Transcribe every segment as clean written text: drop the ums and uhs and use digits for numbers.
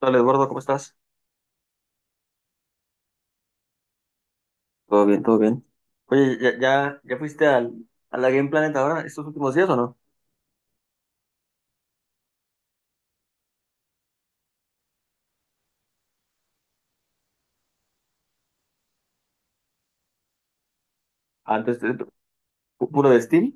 Hola Eduardo, ¿cómo estás? Todo bien, todo bien. Oye, ¿Ya fuiste a la Game Planet ahora estos últimos días o no? Antes, puro de Steam,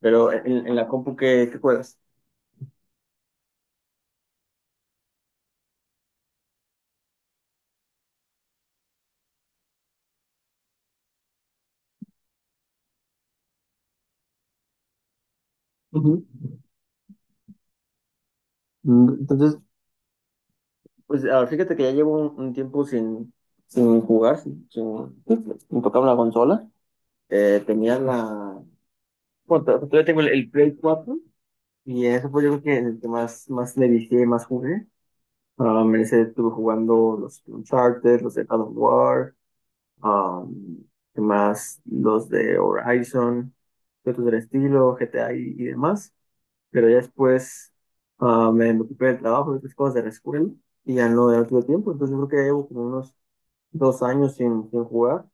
pero en la compu que juegas. Ujú. Entonces, pues ahora fíjate que ya llevo un tiempo sin jugar, sin tocar una consola. Tenía Bueno, todavía tengo el Play cuatro y eso fue, yo creo, que el que más, más le dije, más jugué. Ah, me ese estuve jugando: los Uncharted, los de God of War, um, ¿qué más? Los de Horizon, de otros del estilo, GTA y demás. Pero ya después me ocupé del trabajo y otras cosas de la escuela y ya no, ya no tuve tiempo. Entonces yo creo que llevo como unos dos años sin jugar,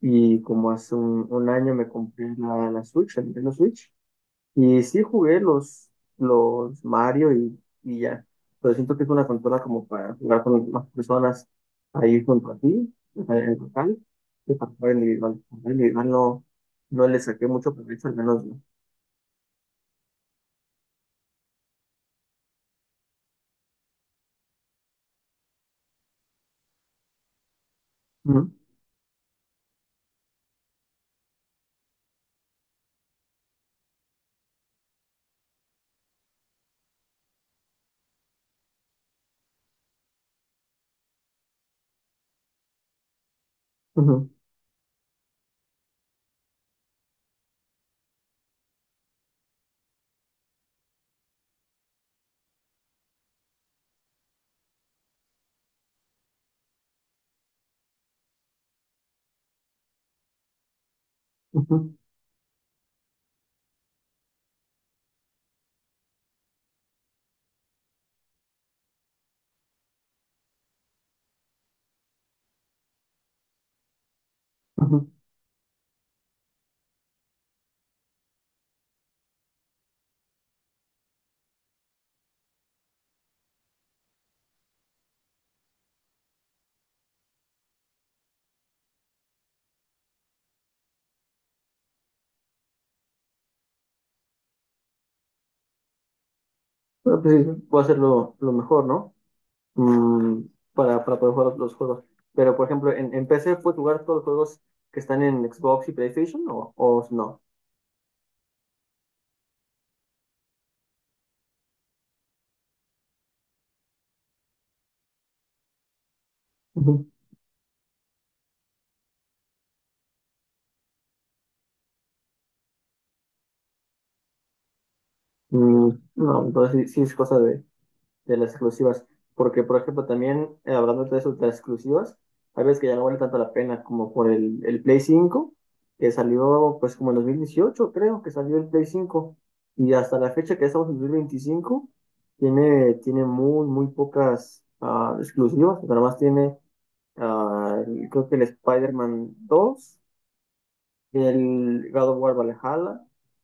y como hace un año me compré la Switch, el Nintendo Switch. Y sí jugué los Mario y ya. Pero siento que es una consola como para jugar con más personas ahí junto a ti, o sea, en total, que para jugar individual. Jugar individual no, no le saqué mucho provecho, al menos no. Ujú, ujú, ujú, ujú. Pero pues sí, puedo hacerlo lo mejor, ¿no? Mm, para poder jugar los juegos. Pero, por ejemplo, en PC, ¿puedes jugar todos los juegos que están en Xbox y PlayStation o no? Ujú. Mm, no, entonces sí, sí es cosa de las exclusivas. Porque, por ejemplo, también, hablando de eso, de las exclusivas, hay veces que ya no vale tanto la pena, como por el Play cinco, que salió pues como en 2018, creo, que salió el Play cinco. Y hasta la fecha, que estamos en 2025, tiene, tiene muy, muy pocas exclusivas. Nada más tiene, creo que el Spider-Man 2, el God of War Valhalla,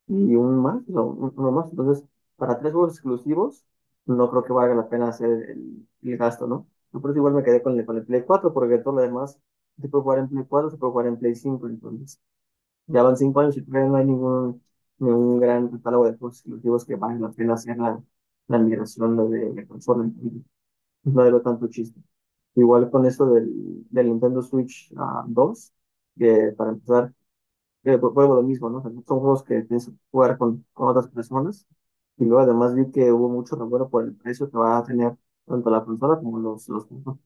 y un más, no, uno más. Entonces, para tres juegos exclusivos, no creo que valga la pena hacer el gasto, ¿no? Yo por eso igual me quedé con con el Play 4, porque todo lo demás se puede jugar en Play 4, se puede jugar en Play 5. Entonces ya van cinco años y todavía no hay ningún, ningún gran catálogo de juegos exclusivos que valga la pena hacer la migración, ¿no?, de consola. Entonces, no le veo tanto chiste. Igual con esto del Nintendo Switch dos, que para empezar, vuelvo a lo mismo, ¿no? O sea, son juegos que tienes que jugar con otras personas. Y luego además vi que hubo mucho revuelo por el precio que va a tener tanto la consola como juegos.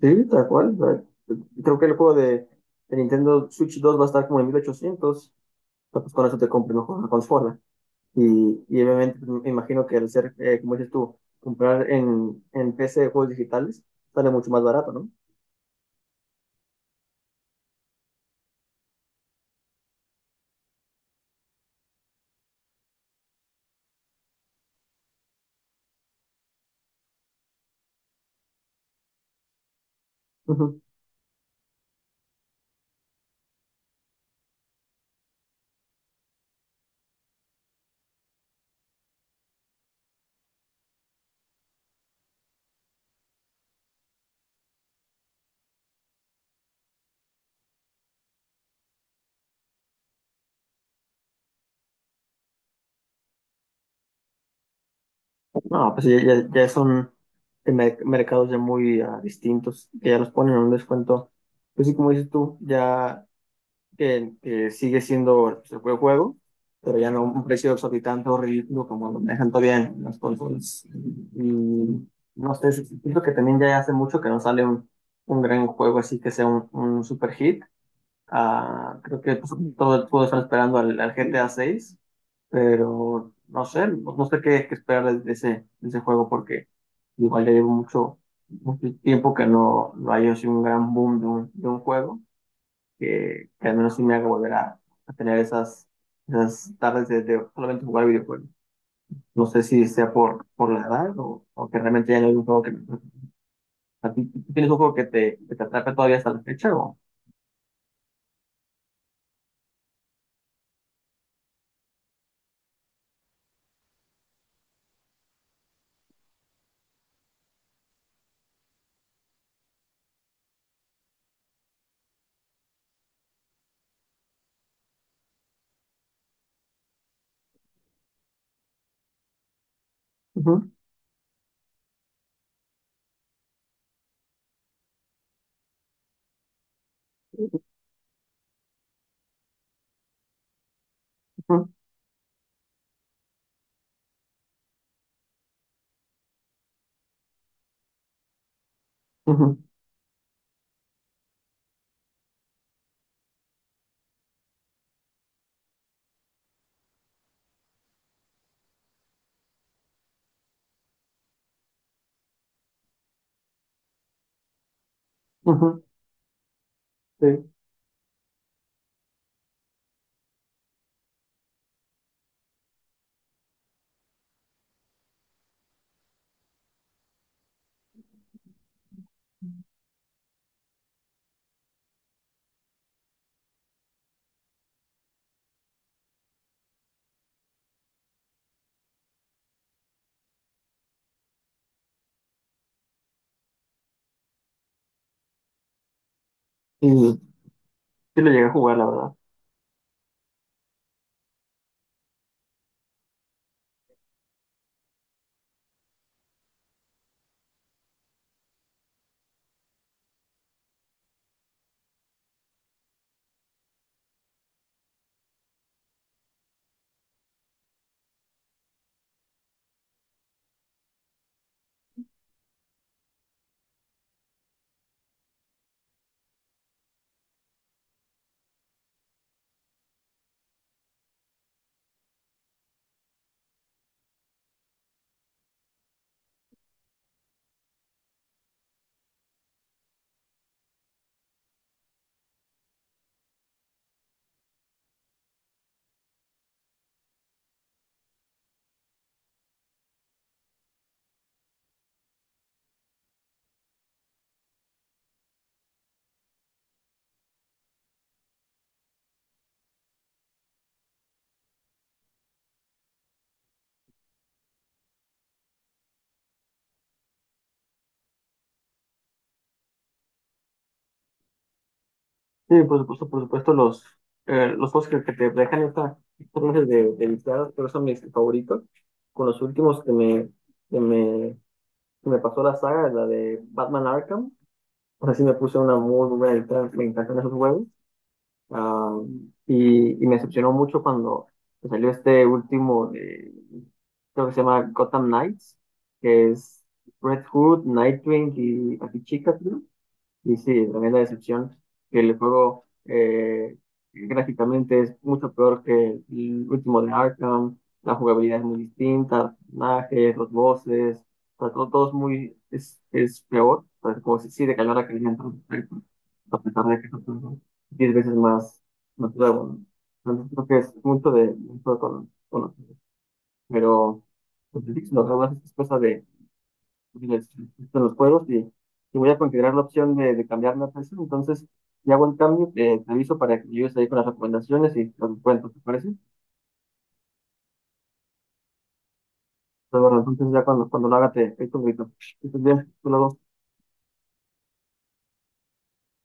Sí, tal cual. eh, Creo que el juego de Nintendo Switch dos va a estar como en 1.800, pero pues con eso te compras una consola. Y obviamente pues, me imagino que al ser, como dices tú, comprar en PC de juegos digitales, sale mucho más barato, ¿no? No, pues ya, ya son de mercados ya muy distintos, que ya los ponen a un descuento. Pues sí, como dices tú, ya que sigue siendo, pues, el buen juego, pero ya no un precio exorbitante o ridículo, como lo manejan todavía en las consolas. Y no sé, sí, sí, siento que también ya hace mucho que no sale un gran juego así, que sea un super hit. Creo que pues, todos están esperando al GTA seis, pero no sé, no sé qué, qué esperar de ese juego, porque igual ya llevo mucho, mucho tiempo que no, no haya sido un gran boom de un juego que al menos sí me haga volver a tener esas, esas tardes de solamente jugar videojuegos. No sé si sea por la edad o que realmente ya no hay un juego que me... atrape. ¿A tú tienes un juego que te atrape todavía hasta la fecha o...? Ujú, ujú, ujú, ujú, sí. Y sí lo llegué a jugar, la verdad. Sí, por supuesto, los juegos que te dejan esta esta clase de viciadas, pero son mis favoritos. Con los últimos que me, que me, que me pasó, la saga, la de Batman Arkham, pues así me puse una muy buena viciada, me encantan esos juegos. Ah, y me decepcionó mucho cuando salió este último, de, creo que se llama Gotham Knights, que es Red Hood, Nightwing y Batichica, y sí, tremenda decepción, que el juego, gráficamente, es mucho peor que el último de Arkham. La jugabilidad es muy distinta, personajes, los voces, o sea, todo, todo es muy, es peor. O sea, como si sí decayó la calidad en todo aspecto, a pesar de que es otro juego 10 veces más, más nuevo, ¿no? Entonces creo que es mucho de, mucho pero pues, sí, lo demás es cosa de, les gustan los juegos, y voy a considerar la opción de cambiar la PC. Entonces, ya hago el cambio, te aviso para que llegues ahí con las recomendaciones y los cuentos, ¿te parece? Pero bueno, entonces ya cuando, cuando lo haga te te echo un grito. Que estés bien, hasta luego.